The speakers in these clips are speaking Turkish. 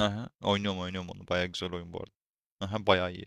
Aha, oynuyorum oynuyorum onu. Bayağı güzel oyun bu arada. Aha, bayağı iyi.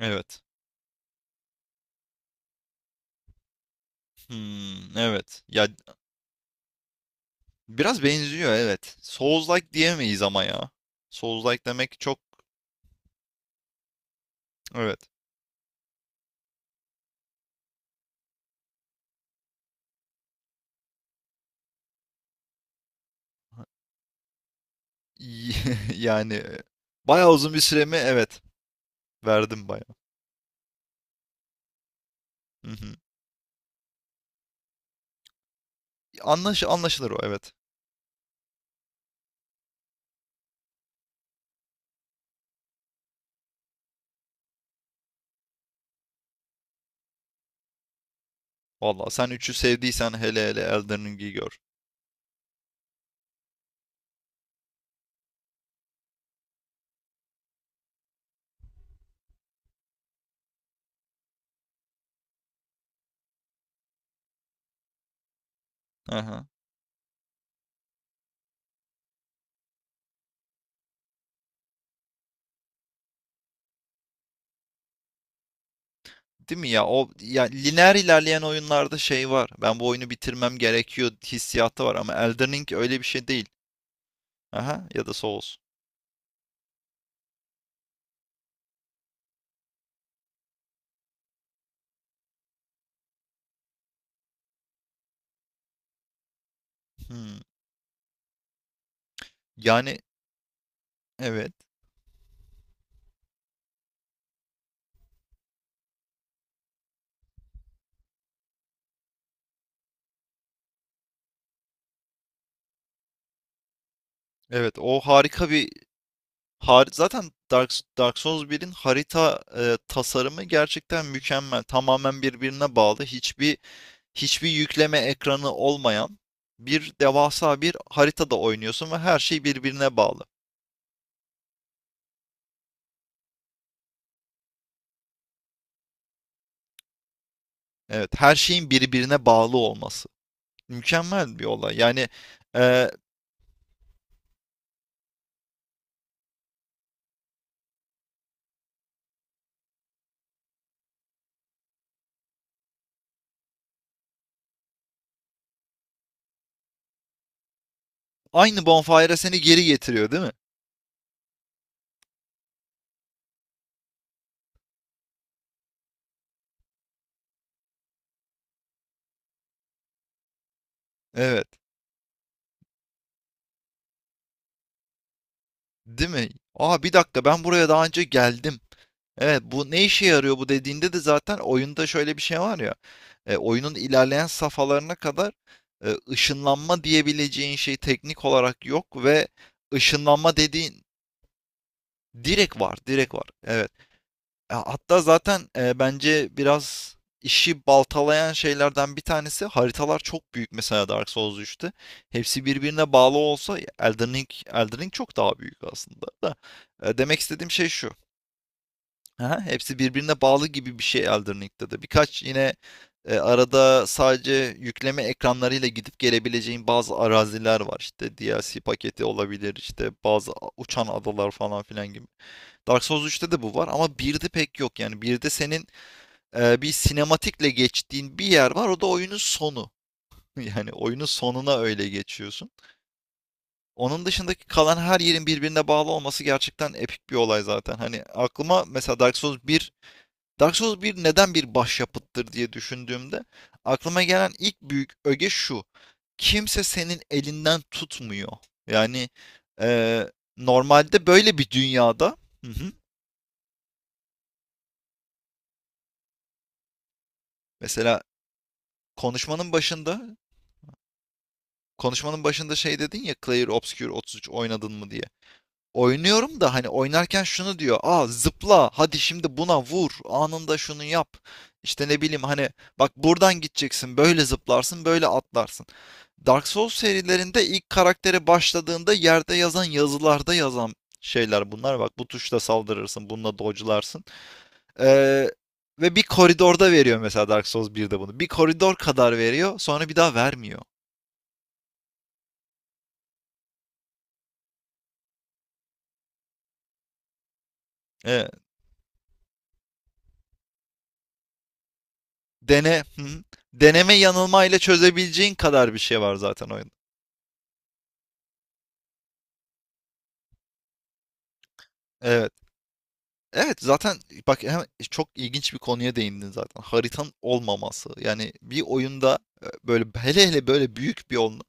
Evet. Hmm, evet. Ya, biraz benziyor, evet. Souls-like diyemeyiz ama ya. Souls-like demek çok, evet. İyi. Yani e, bayağı uzun bir süremi, evet, verdim bayağı. Hı hı. Anlaşılır o, evet. Vallahi sen üçü sevdiysen hele hele Elden Ring'i gör. Aha. Değil mi ya? O ya lineer ilerleyen oyunlarda şey var. Ben bu oyunu bitirmem gerekiyor hissiyatı var ama Elden Ring öyle bir şey değil. Aha, ya da Souls. Hmm. Yani, evet. Evet, o harika bir zaten Dark Souls birin harita tasarımı gerçekten mükemmel. Tamamen birbirine bağlı. Hiçbir yükleme ekranı olmayan bir devasa bir haritada oynuyorsun ve her şey birbirine bağlı. Evet, her şeyin birbirine bağlı olması. Mükemmel bir olay. Yani, e, aynı bonfire'a seni geri getiriyor, değil mi? Evet. Değil mi? Aa, bir dakika, ben buraya daha önce geldim. Evet, bu ne işe yarıyor bu dediğinde de zaten oyunda şöyle bir şey var ya. Oyunun ilerleyen safhalarına kadar ışınlanma diyebileceğin şey teknik olarak yok ve ışınlanma dediğin direkt var, direkt var. Evet. Ya, hatta zaten bence biraz işi baltalayan şeylerden bir tanesi haritalar çok büyük, mesela Dark Souls üçte. Hepsi birbirine bağlı olsa Elden Ring, Elden Ring çok daha büyük aslında da. Demek istediğim şey şu. Aha, hepsi birbirine bağlı gibi bir şey Elden Ring'de de. Birkaç yine arada sadece yükleme ekranlarıyla gidip gelebileceğin bazı araziler var. İşte DLC paketi olabilir, işte bazı uçan adalar falan filan gibi. Dark Souls üçte de bu var ama 1'de pek yok. Yani 1'de senin bir sinematikle geçtiğin bir yer var. O da oyunun sonu. Yani oyunun sonuna öyle geçiyorsun. Onun dışındaki kalan her yerin birbirine bağlı olması gerçekten epik bir olay zaten. Hani aklıma mesela Dark Souls bir neden bir başyapıttır diye düşündüğümde aklıma gelen ilk büyük öge şu. Kimse senin elinden tutmuyor. Yani, e, normalde böyle bir dünyada, hı hı, mesela konuşmanın başında konuşmanın başında şey dedin ya, Clair Obscure 33 oynadın mı diye. Oynuyorum da hani oynarken şunu diyor. Aa, zıpla hadi şimdi buna vur anında şunu yap. İşte ne bileyim hani, bak, buradan gideceksin, böyle zıplarsın, böyle atlarsın. Dark Souls serilerinde ilk karaktere başladığında yerde yazan, yazılarda yazan şeyler bunlar. Bak, bu tuşla saldırırsın, bununla dodge'larsın. Ee, Ve bir koridorda veriyor mesela Dark Souls 1'de bunu. Bir koridor kadar veriyor sonra bir daha vermiyor. Ee, hı hı. Deneme yanılmayla çözebileceğin kadar bir şey var zaten oyunda. Evet. Evet, zaten bak, hem çok ilginç bir konuya değindin zaten. Haritanın olmaması. Yani bir oyunda, böyle hele hele böyle büyük bir oyunda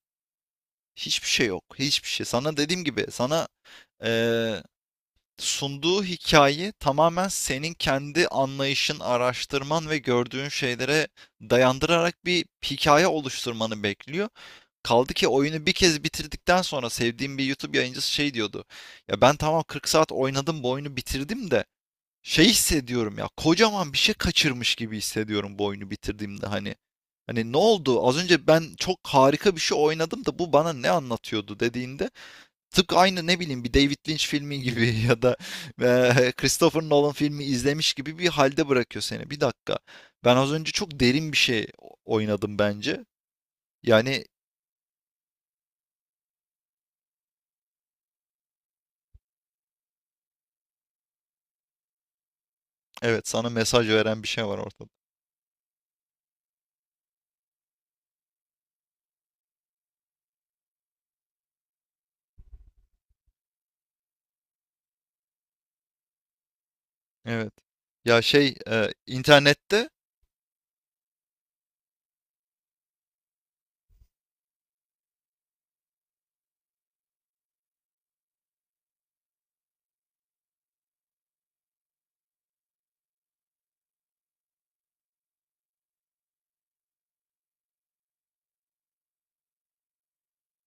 hiçbir şey yok. Hiçbir şey. Sana dediğim gibi, sana e, sunduğu hikaye tamamen senin kendi anlayışın, araştırman ve gördüğün şeylere dayandırarak bir hikaye oluşturmanı bekliyor. Kaldı ki oyunu bir kez bitirdikten sonra sevdiğim bir YouTube yayıncısı şey diyordu. Ya, ben tamam 40 saat oynadım, bu oyunu bitirdim de şey hissediyorum ya, kocaman bir şey kaçırmış gibi hissediyorum bu oyunu bitirdiğimde hani. Hani ne oldu? Az önce ben çok harika bir şey oynadım da bu bana ne anlatıyordu dediğinde, tıpkı aynı ne bileyim bir David Lynch filmi gibi ya da Christopher Nolan filmi izlemiş gibi bir halde bırakıyor seni. Bir dakika. Ben az önce çok derin bir şey oynadım bence. Yani. Evet, sana mesaj veren bir şey var ortada. Evet. Ya şey, internette,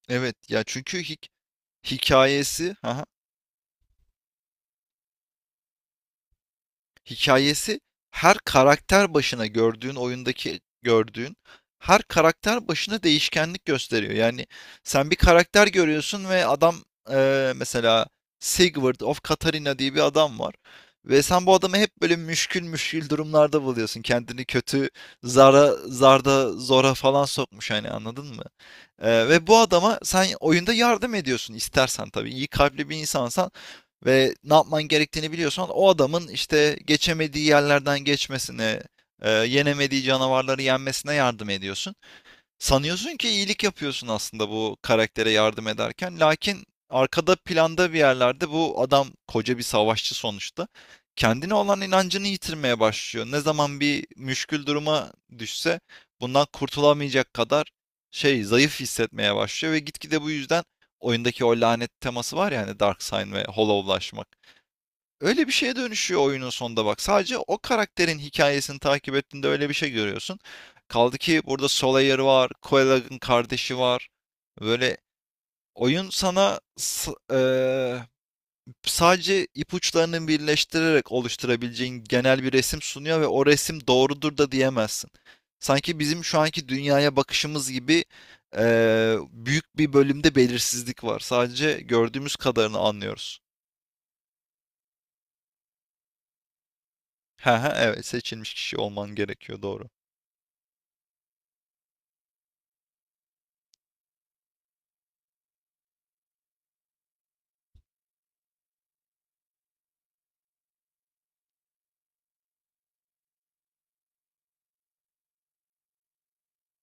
evet ya, çünkü hikayesi, haha. Hikayesi, her karakter başına gördüğün, oyundaki gördüğün her karakter başına değişkenlik gösteriyor. Yani sen bir karakter görüyorsun ve adam, mesela, Sigurd of Katarina diye bir adam var. Ve sen bu adamı hep böyle müşkül müşkül durumlarda buluyorsun. Kendini kötü zarda zora falan sokmuş, hani, anladın mı? Ve bu adama sen oyunda yardım ediyorsun, istersen tabii. İyi kalpli bir insansan ve ne yapman gerektiğini biliyorsan, o adamın işte geçemediği yerlerden geçmesine, yenemediği canavarları yenmesine yardım ediyorsun. Sanıyorsun ki iyilik yapıyorsun aslında bu karaktere yardım ederken. Lakin arkada planda bir yerlerde bu adam koca bir savaşçı sonuçta. Kendine olan inancını yitirmeye başlıyor. Ne zaman bir müşkül duruma düşse bundan kurtulamayacak kadar, şey, zayıf hissetmeye başlıyor ve gitgide bu yüzden oyundaki o lanet teması var ya hani, Darkseid ve Hollow'laşmak. Öyle bir şeye dönüşüyor oyunun sonunda bak. Sadece o karakterin hikayesini takip ettiğinde öyle bir şey görüyorsun. Kaldı ki burada Solaire var, Koelag'ın kardeşi var. Böyle, oyun sana sadece ipuçlarını birleştirerek oluşturabileceğin genel bir resim sunuyor ve o resim doğrudur da diyemezsin. Sanki bizim şu anki dünyaya bakışımız gibi, büyük bir bölümde belirsizlik var. Sadece gördüğümüz kadarını anlıyoruz. He he, evet, seçilmiş kişi olman gerekiyor, doğru.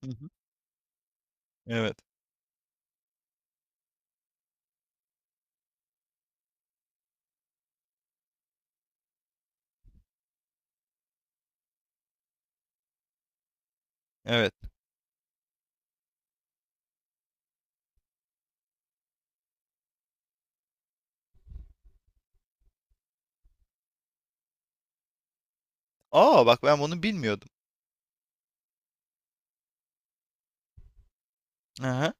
Hı hı. Evet. Evet. Aa, bak, ben bunu bilmiyordum. Hı hı.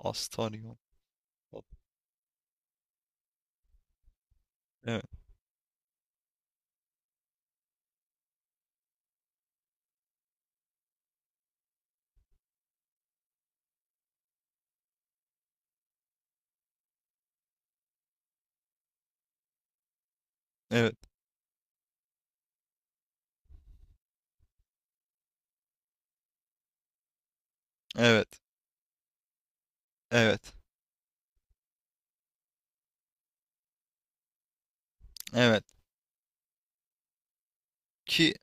Astaryon. Evet. Evet. Evet. Evet. Evet. Ki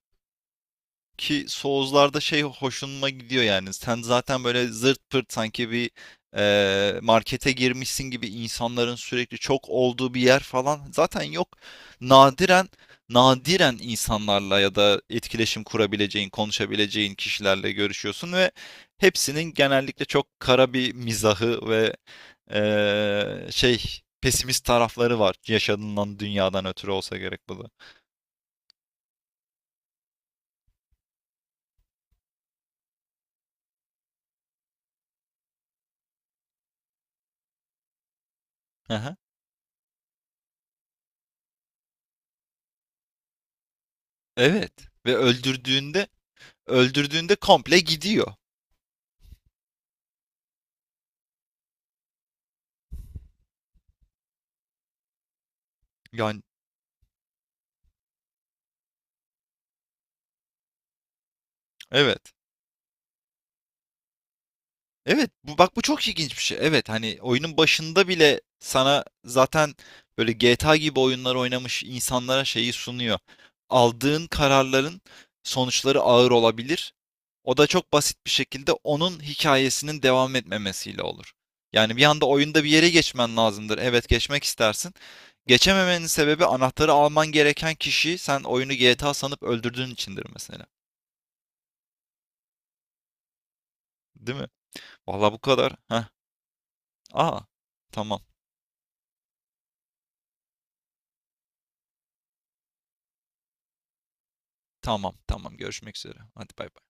Ki Souls'larda şey hoşuma gidiyor yani. Sen zaten böyle zırt pırt, sanki bir, markete girmişsin gibi insanların sürekli çok olduğu bir yer falan zaten yok. Nadiren nadiren insanlarla ya da etkileşim kurabileceğin, konuşabileceğin kişilerle görüşüyorsun ve hepsinin genellikle çok kara bir mizahı ve, şey, pesimist tarafları var, yaşadığından dünyadan ötürü olsa gerek bu da. Evet, ve öldürdüğünde komple gidiyor. Yani, evet. Evet, bu bak, bu çok ilginç bir şey. Evet, hani oyunun başında bile sana zaten böyle GTA gibi oyunlar oynamış insanlara şeyi sunuyor. Aldığın kararların sonuçları ağır olabilir. O da çok basit bir şekilde onun hikayesinin devam etmemesiyle olur. Yani bir anda oyunda bir yere geçmen lazımdır. Evet, geçmek istersin. Geçememenin sebebi anahtarı alman gereken kişiyi sen oyunu GTA sanıp öldürdüğün içindir mesela. Değil mi? Vallahi bu kadar. Heh. Aa, tamam. Tamam tamam, görüşmek üzere. Hadi, bay bay.